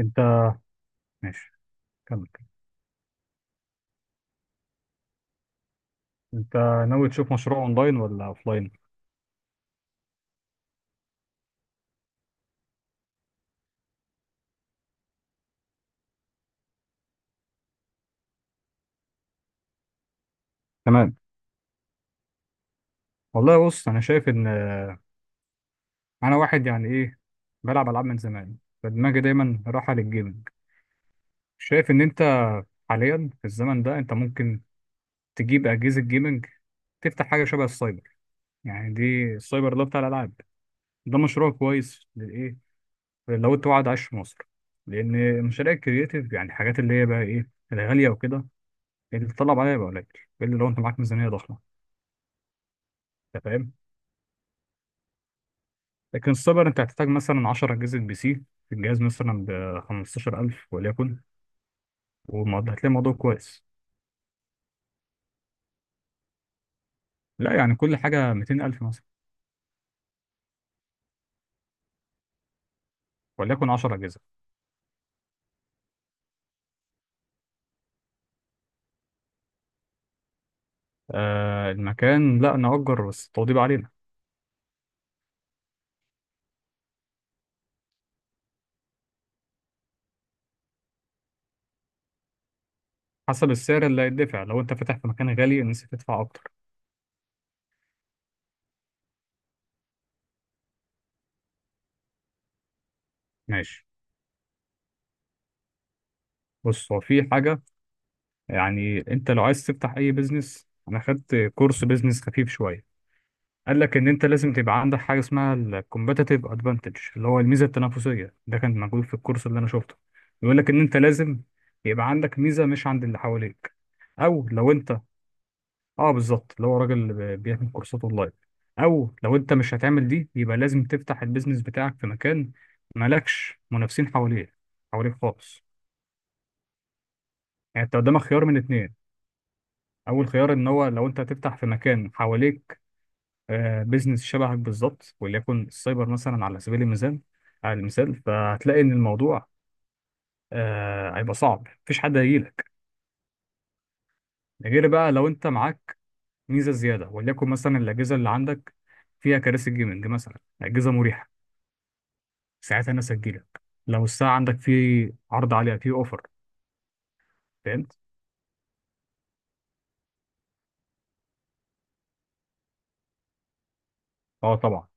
انت، ماشي، كمل كمل. انت ناوي تشوف مشروع اونلاين ولا اوفلاين؟ تمام. والله بص، انا شايف ان انا واحد يعني ايه، بلعب العاب من زمان، فدماغي دايما رايحه للجيمنج. شايف ان انت حاليا في الزمن ده انت ممكن تجيب اجهزه جيمنج، تفتح حاجه شبه السايبر. يعني دي السايبر ده بتاع الالعاب. ده مشروع كويس للايه، لو انت قاعد عايش في مصر، لان مشاريع الكرياتيف يعني الحاجات اللي هي بقى ايه الغاليه وكده اللي بتطلب عليها بقى قليل، الا لو انت معاك ميزانيه ضخمه. انت فاهم؟ لكن السايبر انت هتحتاج مثلا 10 اجهزه بي سي. الجهاز مثلا ب 15,000 وليكن، والموضوع هتلاقي الموضوع كويس. لا يعني كل حاجه 200,000 مثلا. وليكن 10 اجهزه. آه، المكان لا نأجر، بس التوضيب علينا. حسب السعر اللي هيدفع، لو انت فاتح في مكان غالي الناس هتدفع اكتر. ماشي. بص، هو في حاجه. يعني انت لو عايز تفتح اي بيزنس، انا خدت كورس بيزنس خفيف شويه، قال لك ان انت لازم تبقى عندك حاجه اسمها الكومبتيتيف ادفانتج اللي هو الميزه التنافسيه، ده كان موجود في الكورس اللي انا شفته. بيقول لك ان انت لازم يبقى عندك ميزه مش عند اللي حواليك. او لو انت، اه بالظبط، اللي هو راجل بيعمل كورسات اونلاين. او لو انت مش هتعمل دي يبقى لازم تفتح البيزنس بتاعك في مكان مالكش منافسين حواليه، حواليك خالص. يعني انت قدامك خيار من اتنين. اول خيار ان هو لو انت هتفتح في مكان حواليك آه، بيزنس شبهك بالظبط، وليكن السايبر مثلا، على سبيل المثال على المثال، فهتلاقي ان الموضوع آه، هيبقى صعب، مفيش حد هيجيلك. ده غير بقى لو انت معاك ميزه زياده، وليكن مثلا الاجهزه اللي عندك فيها كراسي جيمنج مثلا، اجهزه مريحه، ساعتها الناس هتجيلك. لو الساعه عندك في عرض عليها في اوفر. فهمت؟ اه طبعا.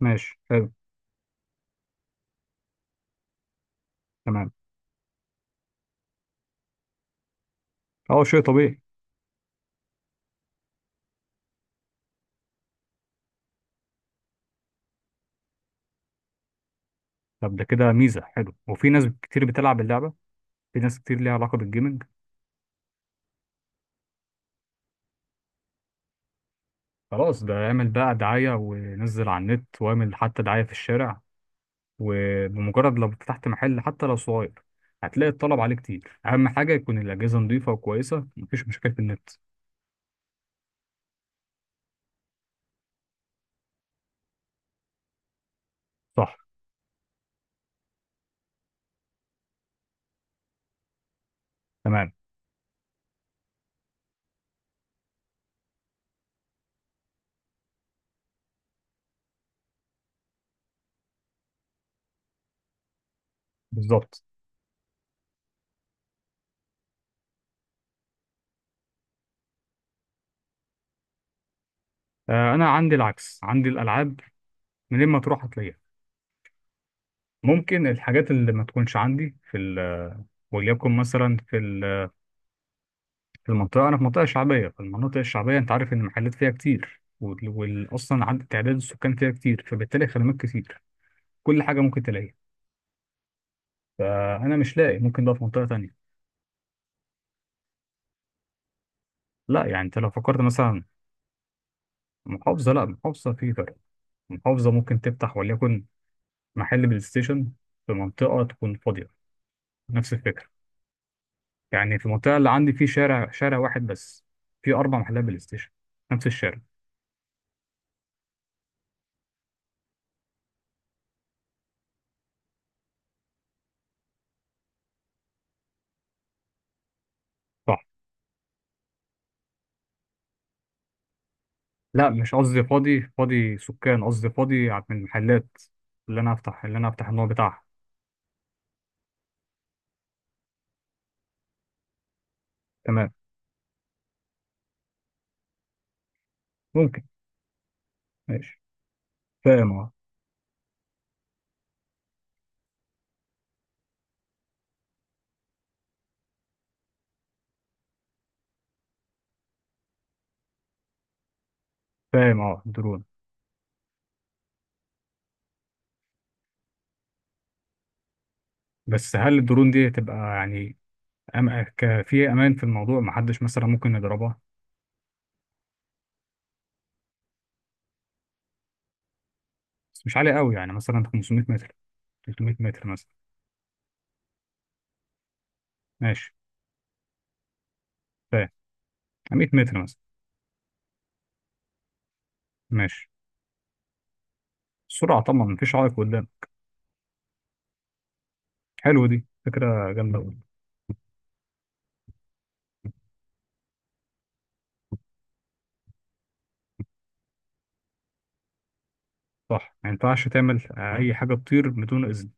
ماشي حلو. تمام. اه شيء طبيعي. طب ده كده ميزه حلو، وفي ناس كتير بتلعب اللعبه. في ناس كتير ليها علاقه بالجيمنج. خلاص، ده اعمل بقى دعاية ونزل على النت، واعمل حتى دعاية في الشارع. وبمجرد لو فتحت محل حتى لو صغير هتلاقي الطلب عليه كتير. أهم حاجة يكون الأجهزة نظيفة وكويسة، مفيش مشاكل في النت. صح. تمام. بالظبط. آه، أنا عندي العكس، عندي الألعاب منين ما تروح هتلاقيها. ممكن الحاجات اللي ما تكونش عندي في وليكن مثلا في في المنطقة، أنا في منطقة شعبية، فالمناطق الشعبية أنت عارف إن المحلات فيها كتير، أصلا عدد تعداد السكان فيها كتير، فبالتالي خدمات كتير. كل حاجه ممكن تلاقيها. فانا مش لاقي، ممكن ده في منطقه تانية. لا يعني انت لو فكرت مثلا، محافظه، لا محافظه في فرق. محافظه ممكن تفتح وليكن محل بلاي ستيشن في منطقه تكون فاضيه، نفس الفكره. يعني في المنطقه اللي عندي، في شارع واحد بس في اربع محلات بلاي ستيشن، نفس الشارع. صح. لا مش قصدي فاضي، فاضي سكان، قصدي فاضي من المحلات اللي انا افتح، النوع بتاعها. تمام. ممكن. ماشي. فاهم اه. فاهم اه درون. بس هل الدرون دي تبقى يعني في امان في الموضوع، ما حدش مثلا ممكن يضربها؟ بس مش عالية قوي، يعني مثلا 500 متر؟ 300 متر مثلا. ماشي. فاهم. 100 متر مثلا. ماشي. السرعة طبعا مفيش عائق قدام. حلو، دي فكرة جامدة أوي. صح، ما ينفعش تعمل آه، أي حاجة تطير بدون إذن.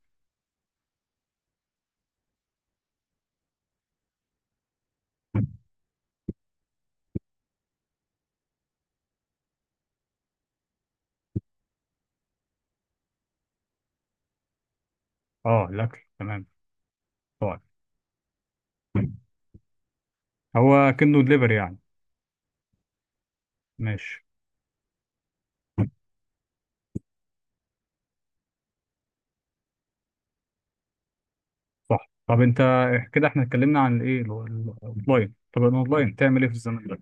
اه الأكل، تمام. طيب. هو كأنه دليفري يعني؟ ماشي. صح. طب أنت، كده احنا اتكلمنا عن الإيه، الأونلاين. طب الأونلاين تعمل إيه في الزمن ده؟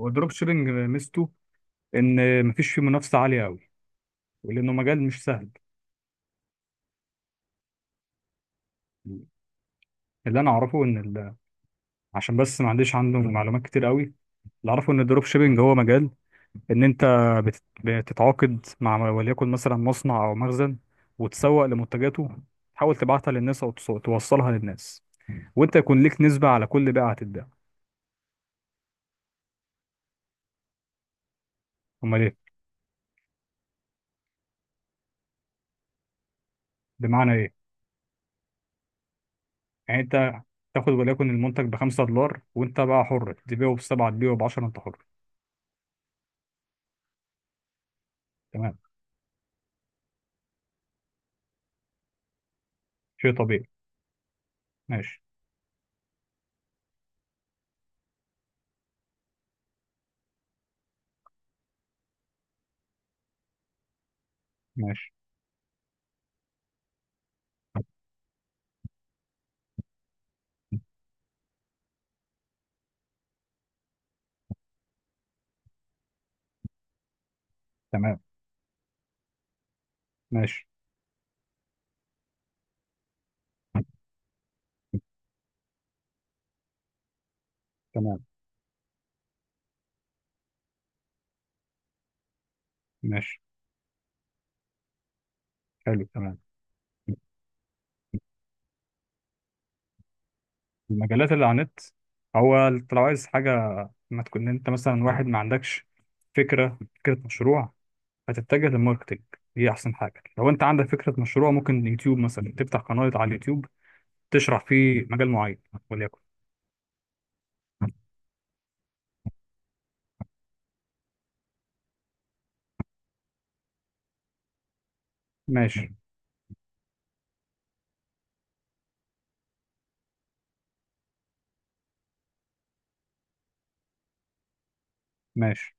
هو الدروب شيبنج ميزته إن مفيش فيه منافسة عالية أوي، ولأنه مجال مش سهل. اللي انا اعرفه ان ال... عشان بس ما عنديش، عنده معلومات كتير قوي. اللي اعرفه ان الدروب شيبينج هو مجال ان انت بتتعاقد مع وليكن مثلا مصنع او مخزن، وتسوق لمنتجاته، تحاول تبعتها للناس او توصلها للناس، وانت يكون ليك نسبة على كل بيعة هتتباع. امال ايه؟ بمعنى ايه؟ يعني انت تاخد وليكن المنتج ب 5 دولار، وانت بقى حر تبيعه ب 7، تبيعه ب 10، انت حر. تمام. شيء طبيعي. ماشي. ماشي. تمام. ماشي. تمام. ماشي. حلو. تمام. المجالات اللي على النت، هو انت لو عايز حاجة ما تكون انت مثلا واحد ما عندكش فكرة مشروع، هتتجه للماركتينج. دي أحسن حاجة. لو أنت عندك فكرة مشروع ممكن يوتيوب مثلا، تفتح قناة على اليوتيوب تشرح فيه مجال معين، وليكن. ماشي. ماشي.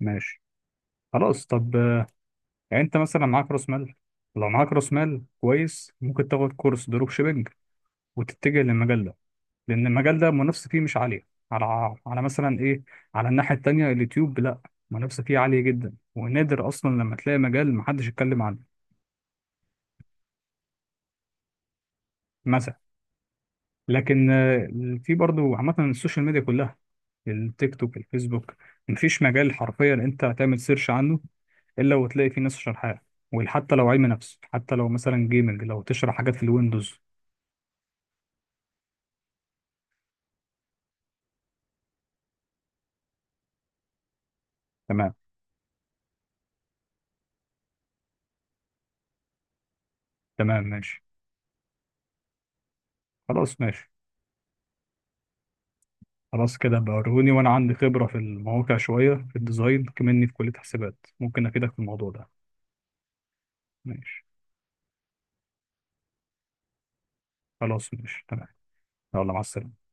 ماشي. خلاص طب آه، يعني أنت مثلا معاك رأس مال، لو معاك رأس مال كويس ممكن تاخد كورس دروب شيبينج وتتجه للمجال ده، لان المجال ده المنافسه فيه مش عاليه، على مثلا ايه، على الناحيه التانيه اليوتيوب لا، المنافسه فيه عاليه جدا، ونادر اصلا لما تلاقي مجال محدش يتكلم عنه مثلا. لكن آه، في برضو عامه السوشيال ميديا كلها، التيك توك، الفيسبوك، مفيش مجال حرفيا انت هتعمل سيرش عنه الا وتلاقي فيه ناس شارحاه، وحتى لو علم نفس، حتى لو مثلا جيمنج لو تشرح حاجات في الويندوز. تمام. تمام. ماشي. خلاص ماشي. خلاص كده بوروني، وانا عندي خبرة في المواقع شوية في الديزاين، كمني في كلية حسابات، ممكن افيدك في الموضوع ده. ماشي. خلاص ماشي. تمام. يلا مع السلامة.